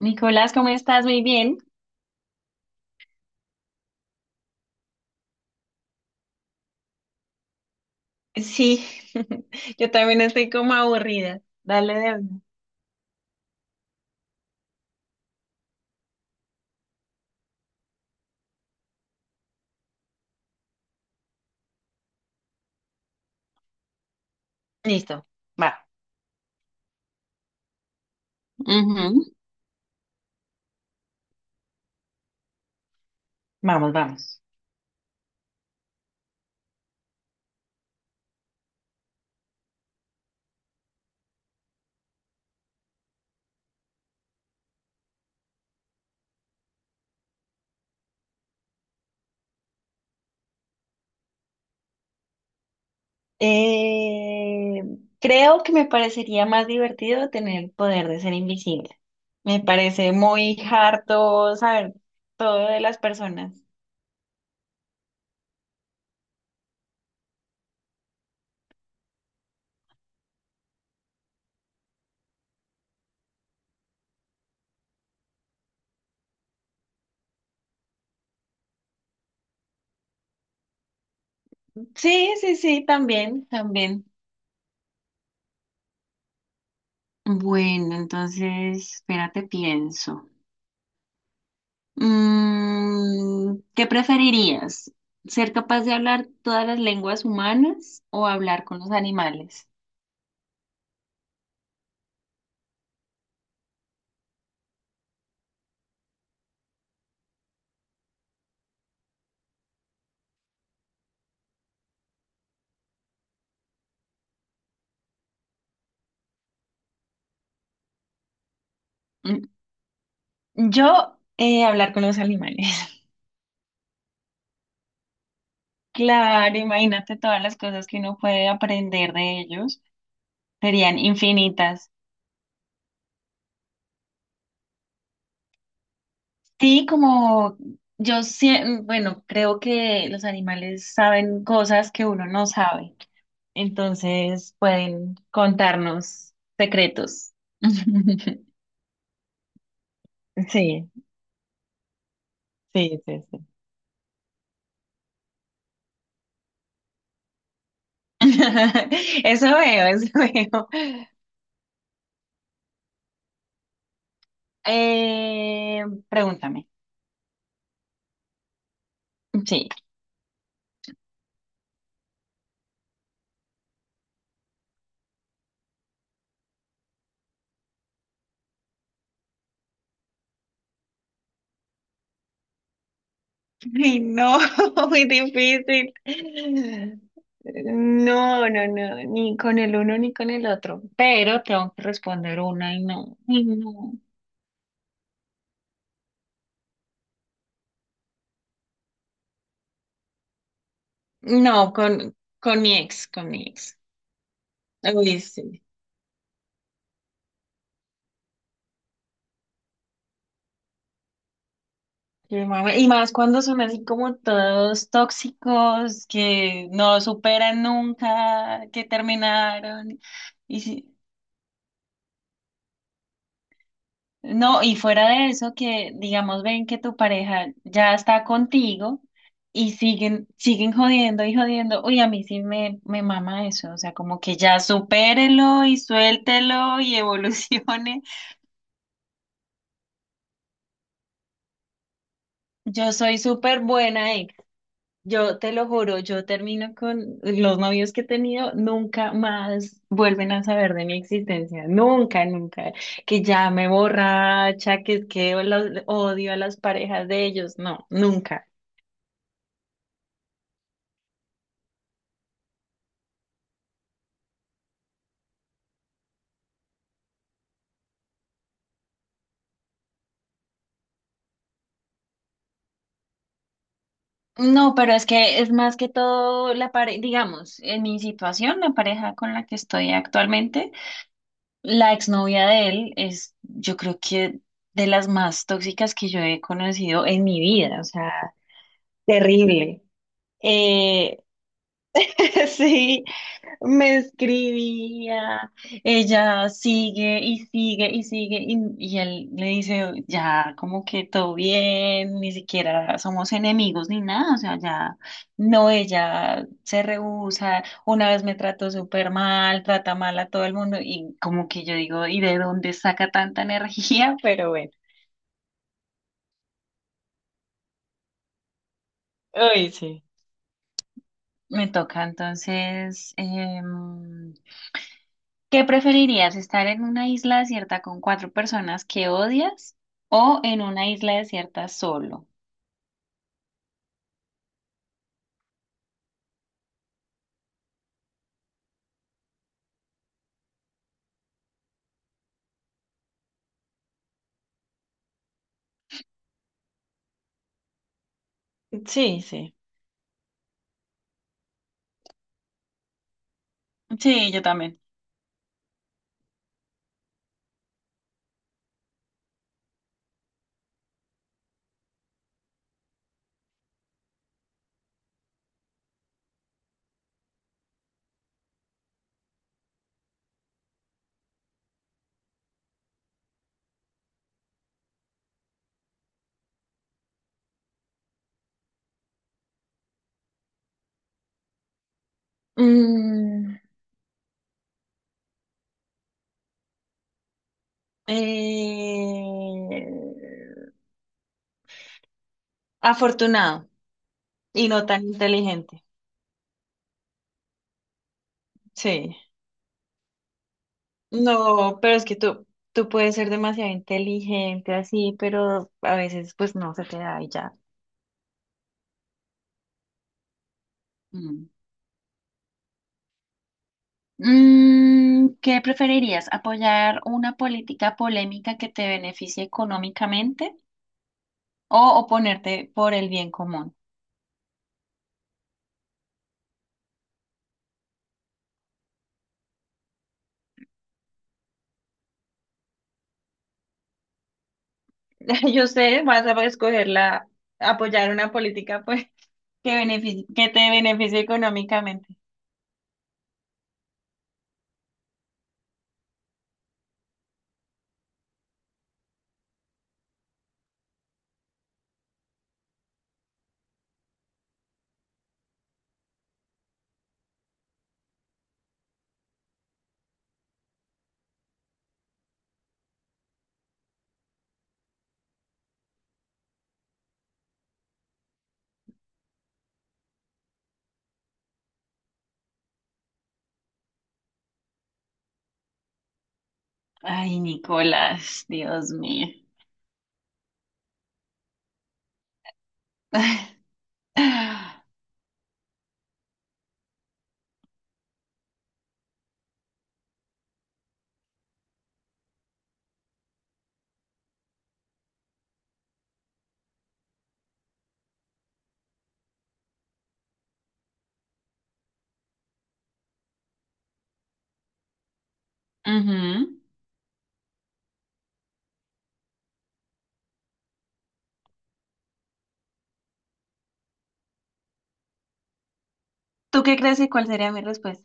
Nicolás, ¿cómo estás? Muy bien. Sí, yo también estoy como aburrida. Dale de una. Listo. Va. Ujú. Vamos, vamos. Eh, creo que me parecería más divertido tener el poder de ser invisible. Me parece muy harto saber todo de las personas. Sí, sí, sí, también, también. Bueno, entonces, espérate, pienso. ¿Qué preferirías? ¿Ser capaz de hablar todas las lenguas humanas o hablar con los animales? Mm, Yo, hablar con los animales. Claro, imagínate todas las cosas que uno puede aprender de ellos. Serían infinitas. Sí, como yo, bueno, creo que los animales saben cosas que uno no sabe. Entonces pueden contarnos secretos. Sí. Sí, sí, sí. Eso veo, eso veo. Eh, pregúntame. Sí. Ay, no, muy difícil. No, no, no, ni con el uno ni con el otro. Pero tengo que responder una y no, y no. No, con mi ex, con mi ex. Uy, sí. Qué mame. Y más cuando son así como todos tóxicos, que no superan nunca, que terminaron. Y sí. No, y fuera de eso, que digamos, ven que tu pareja ya está contigo y siguen jodiendo y jodiendo. Uy, a mí sí me mama eso. O sea, como que ya supérelo y suéltelo y evolucione. Yo soy súper buena ex. Yo te lo juro, yo termino con los novios que he tenido, nunca más vuelven a saber de mi existencia. Nunca, nunca. Que ya me borracha, que es que odio a las parejas de ellos. No, nunca. No, pero es que es más que todo la pareja, digamos, en mi situación, la pareja con la que estoy actualmente, la exnovia de él es, yo creo que de las más tóxicas que yo he conocido en mi vida, o sea, terrible. Eh, Sí, me escribía, ella sigue y sigue y sigue y él le dice, ya, como que todo bien, ni siquiera somos enemigos ni nada, o sea, ya, no, ella se rehúsa, una vez me trató súper mal, trata mal a todo el mundo y como que yo digo, ¿y de dónde saca tanta energía? Pero bueno, uy sí. Me toca entonces, ¿qué preferirías, estar en una isla desierta con cuatro personas que odias o en una isla desierta solo? Sí, sí. Sí, yo también. Mm, eh, afortunado y no tan inteligente. Sí. No, pero es que tú puedes ser demasiado inteligente así, pero a veces pues no se te da y ya. ¿Qué preferirías? ¿Apoyar una política polémica que te beneficie económicamente o oponerte por el bien común? Yo sé, vas a escoger la, apoyar una política, pues, que te beneficie económicamente. Ay, Nicolás, Dios mío. Ujú. ¿Tú qué crees y cuál sería mi respuesta?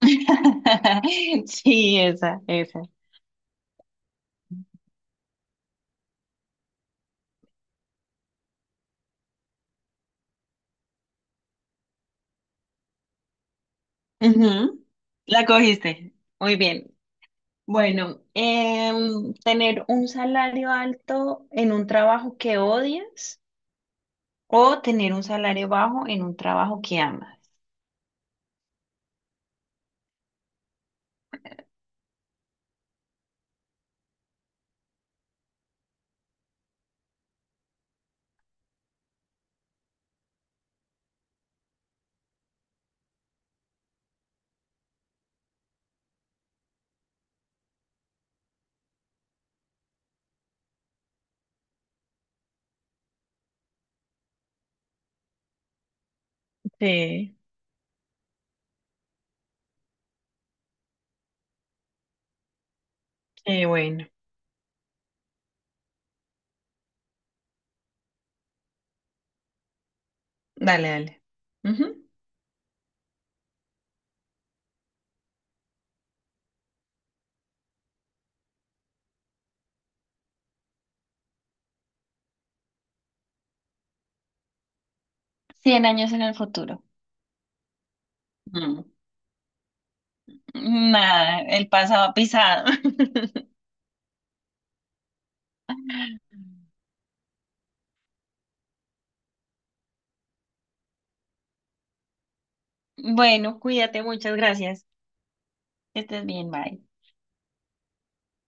Sí, esa, esa. Ujú. La cogiste. Muy bien. Bueno, tener un salario alto en un trabajo que odias o tener un salario bajo en un trabajo que amas. Sí, sí, bueno, dale, dale. Ujú. 100 años en el futuro. Mm. Nada, el pasado ha pisado. Bueno, cuídate, muchas gracias. Que estés bien, bye.